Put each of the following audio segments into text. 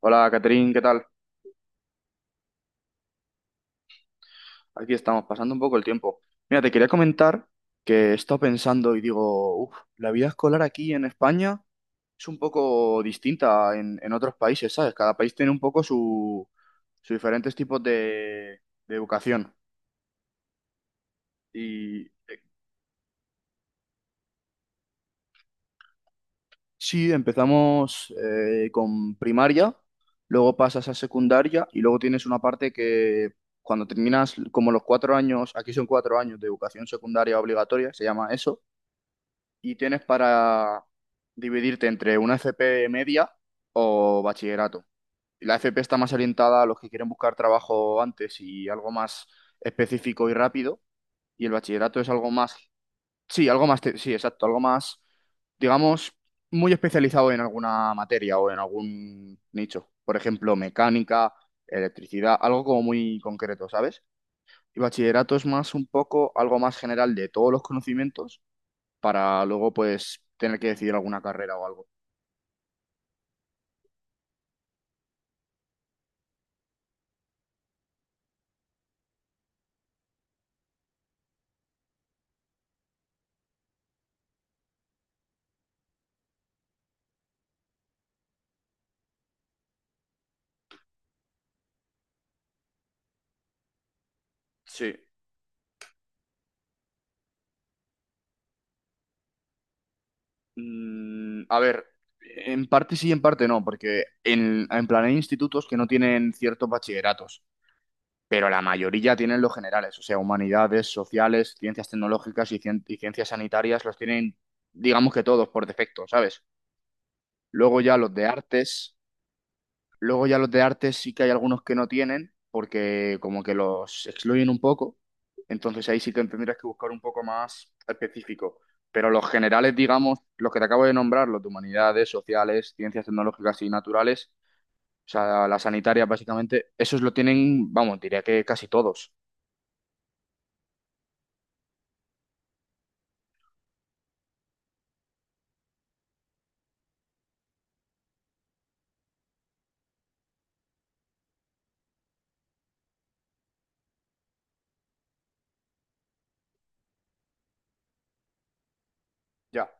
Hola, Catherine, ¿qué tal? Aquí estamos, pasando un poco el tiempo. Mira, te quería comentar que he estado pensando y digo, "Uf, la vida escolar aquí en España es un poco distinta en otros países, ¿sabes? Cada país tiene un poco su, sus diferentes tipos de educación. Y eh, sí, empezamos con primaria, luego pasas a secundaria y luego tienes una parte que cuando terminas como los cuatro años, aquí son cuatro años de educación secundaria obligatoria, se llama eso y tienes para dividirte entre una FP media o bachillerato. La FP está más orientada a los que quieren buscar trabajo antes y algo más específico y rápido, y el bachillerato es algo más, sí, algo más, sí, exacto, algo más, digamos, muy especializado en alguna materia o en algún nicho. Por ejemplo, mecánica, electricidad, algo como muy concreto, ¿sabes? Y bachillerato es más un poco algo más general de todos los conocimientos para luego pues tener que decidir alguna carrera o algo. Sí. Mm, a ver, en parte sí, en parte no, porque en plan hay institutos que no tienen ciertos bachilleratos, pero la mayoría tienen los generales, o sea, humanidades, sociales, ciencias tecnológicas y ciencias sanitarias los tienen, digamos que todos por defecto, ¿sabes? Luego ya los de artes. Luego ya los de arte sí que hay algunos que no tienen, porque como que los excluyen un poco. Entonces ahí sí que tendrías que buscar un poco más específico. Pero los generales, digamos, los que te acabo de nombrar, los de humanidades, sociales, ciencias tecnológicas y naturales, o sea, las sanitarias básicamente, esos lo tienen, vamos, diría que casi todos. Ya.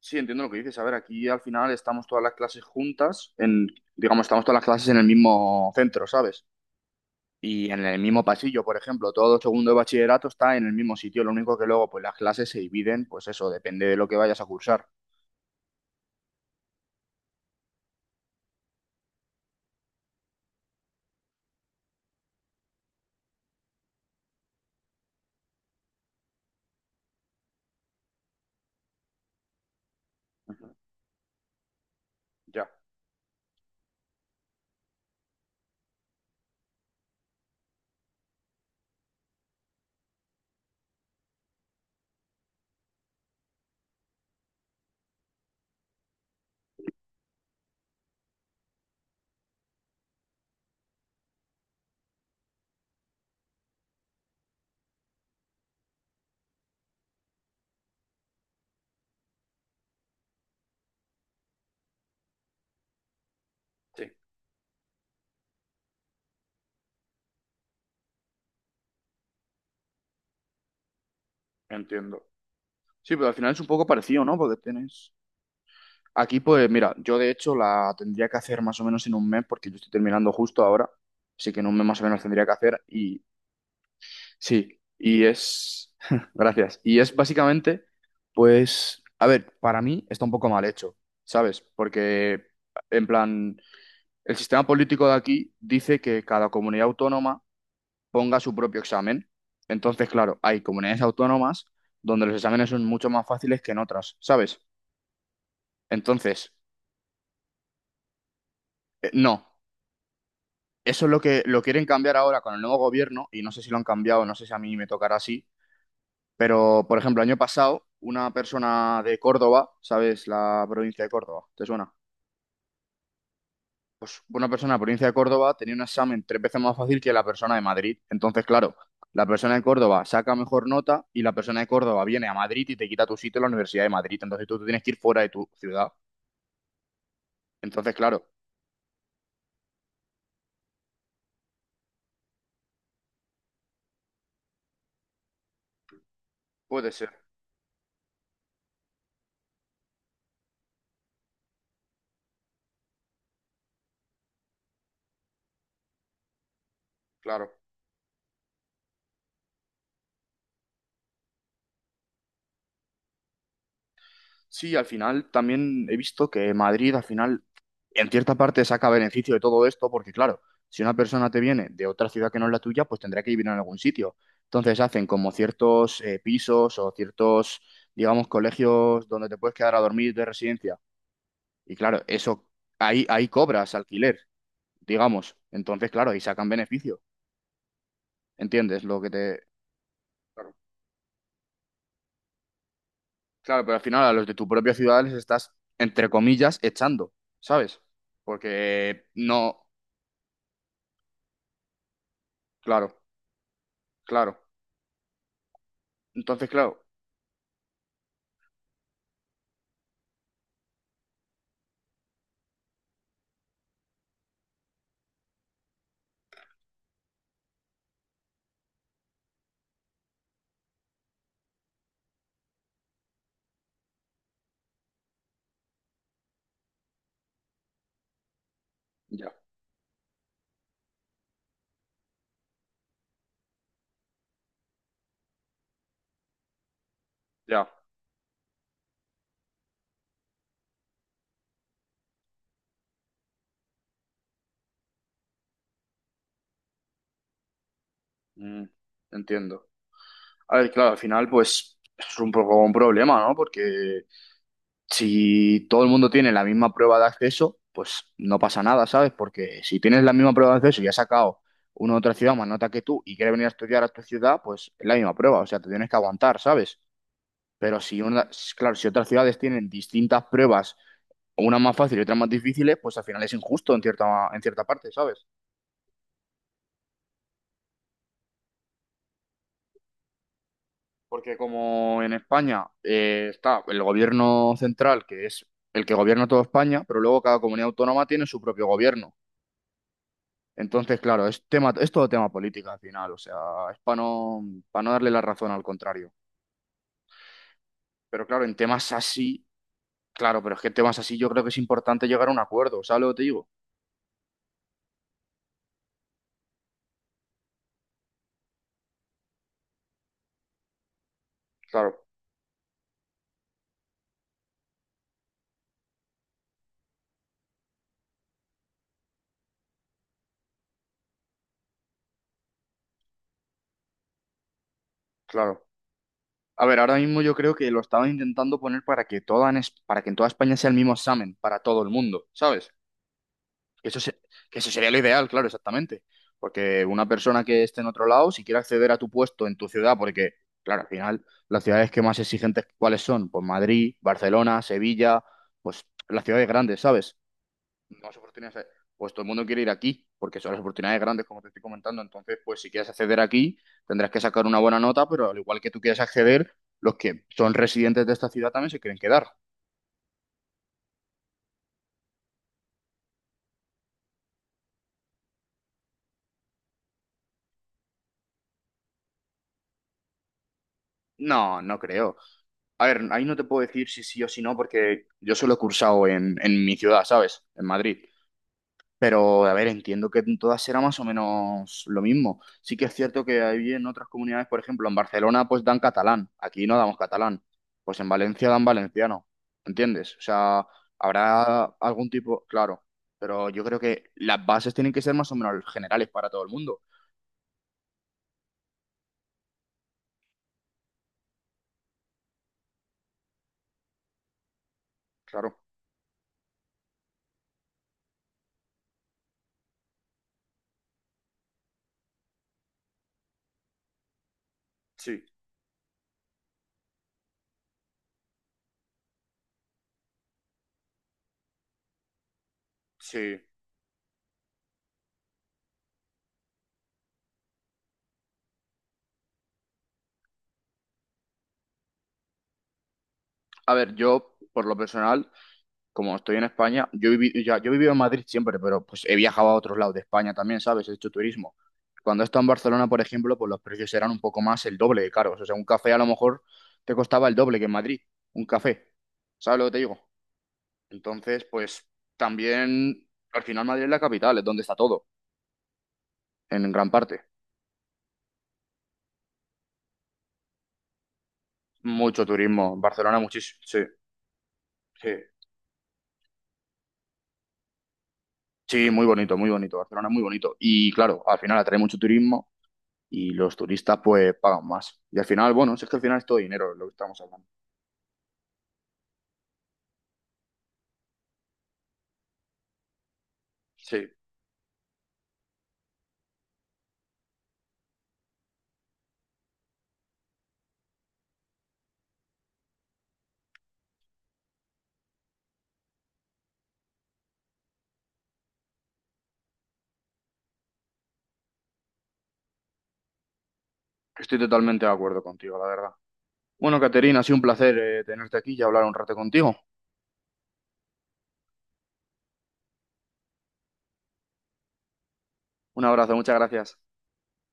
Sí, entiendo lo que dices. A ver, aquí al final estamos todas las clases juntas, en, digamos, estamos todas las clases en el mismo centro, ¿sabes? Y en el mismo pasillo, por ejemplo, todo segundo de bachillerato está en el mismo sitio, lo único que luego pues las clases se dividen, pues eso, depende de lo que vayas a cursar. Ujú, ya, sí, entiendo. Sí, pero al final es un poco parecido, ¿no? Porque tienes... Aquí, pues mira, yo de hecho la tendría que hacer más o menos en un mes, porque yo estoy terminando justo ahora, así que en un mes más o menos tendría que hacer y sí, y es... Gracias. Y es básicamente, pues, a ver, para mí está un poco mal hecho, ¿sabes? Porque, en plan... El sistema político de aquí dice que cada comunidad autónoma ponga su propio examen. Entonces, claro, hay comunidades autónomas donde los exámenes son mucho más fáciles que en otras, ¿sabes? Entonces, no. Eso es lo que lo quieren cambiar ahora con el nuevo gobierno y no sé si lo han cambiado, no sé si a mí me tocará así, pero por ejemplo, el año pasado una persona de Córdoba, ¿sabes? La provincia de Córdoba, ¿te suena? Pues una persona de la provincia de Córdoba tenía un examen tres veces más fácil que la persona de Madrid. Entonces, claro, la persona de Córdoba saca mejor nota y la persona de Córdoba viene a Madrid y te quita tu sitio en la Universidad de Madrid. Entonces tú te tienes que ir fuera de tu ciudad. Entonces, claro, puede ser, claro. Sí, al final también he visto que Madrid al final en cierta parte saca beneficio de todo esto porque claro, si una persona te viene de otra ciudad que no es la tuya, pues tendrá que vivir en algún sitio. Entonces hacen como ciertos pisos o ciertos, digamos, colegios donde te puedes quedar a dormir de residencia. Y claro, eso ahí cobras alquiler, digamos. Entonces, claro, ahí sacan beneficio. ¿Entiendes lo que te... Claro, claro, pero al final a los de tu propia ciudad les estás, entre comillas, echando, ¿sabes? Porque no... Claro, claro. Entonces, claro, ya, ya, mm, entiendo. A ver, claro, al final, pues es un poco un problema, ¿no? Porque si todo el mundo tiene la misma prueba de acceso, pues no pasa nada, ¿sabes? Porque si tienes la misma prueba de acceso y has sacado una otra ciudad más nota que tú y quiere venir a estudiar a tu ciudad, pues es la misma prueba, o sea, te tienes que aguantar, ¿sabes? Pero si una, claro, si otras ciudades tienen distintas pruebas, unas más fáciles y otras más difíciles, pues al final es injusto en cierta parte, ¿sabes? Porque como en España está el gobierno central, que es el que gobierna toda España, pero luego cada comunidad autónoma tiene su propio gobierno. Entonces, claro, es tema, es todo tema política al final, o sea, es para no darle la razón al contrario. Pero claro, en temas así, claro, pero es que en temas así yo creo que es importante llegar a un acuerdo, ¿sabes lo que te digo? Claro, claro. A ver, ahora mismo yo creo que lo estaban intentando poner para que para que en toda España sea el mismo examen para todo el mundo, ¿sabes? Que eso, se- que eso sería lo ideal, claro, exactamente. Porque una persona que esté en otro lado, si quiere acceder a tu puesto en tu ciudad, porque, claro, al final, las ciudades que más exigentes, ¿cuáles son? Pues Madrid, Barcelona, Sevilla, pues las ciudades grandes, ¿sabes? Más oportunidades hay. Pues todo el mundo quiere ir aquí, porque son las oportunidades grandes, como te estoy comentando. Entonces, pues si quieres acceder aquí, tendrás que sacar una buena nota, pero al igual que tú quieres acceder, los que son residentes de esta ciudad también se quieren quedar. No, no creo. A ver, ahí no te puedo decir si sí o si no, porque yo solo he cursado en mi ciudad, ¿sabes? En Madrid. Pero, a ver, entiendo que en todas será más o menos lo mismo. Sí que es cierto que hay en otras comunidades, por ejemplo, en Barcelona, pues dan catalán. Aquí no damos catalán. Pues en Valencia dan valenciano. ¿Entiendes? O sea, habrá algún tipo, claro. Pero yo creo que las bases tienen que ser más o menos generales para todo el mundo. Claro. Sí, sí. A ver, yo, por lo personal, como estoy en España, ya, yo he vivido en Madrid siempre, pero pues he viajado a otros lados de España también, ¿sabes? He hecho turismo. Cuando he estado en Barcelona, por ejemplo, pues los precios eran un poco más el doble de caros. O sea, un café a lo mejor te costaba el doble que en Madrid, un café. ¿Sabes lo que te digo? Entonces, pues también, al final Madrid es la capital, es donde está todo, en gran parte. Mucho turismo, Barcelona muchísimo, sí, sí. Sí, muy bonito, Barcelona es muy bonito. Y claro, al final atrae mucho turismo y los turistas pues pagan más. Y al final, bueno, si es que al final es todo dinero lo que estamos hablando. Sí, estoy totalmente de acuerdo contigo, la verdad. Bueno, Caterina, ha sido un placer tenerte aquí y hablar un rato contigo. Un abrazo, muchas gracias.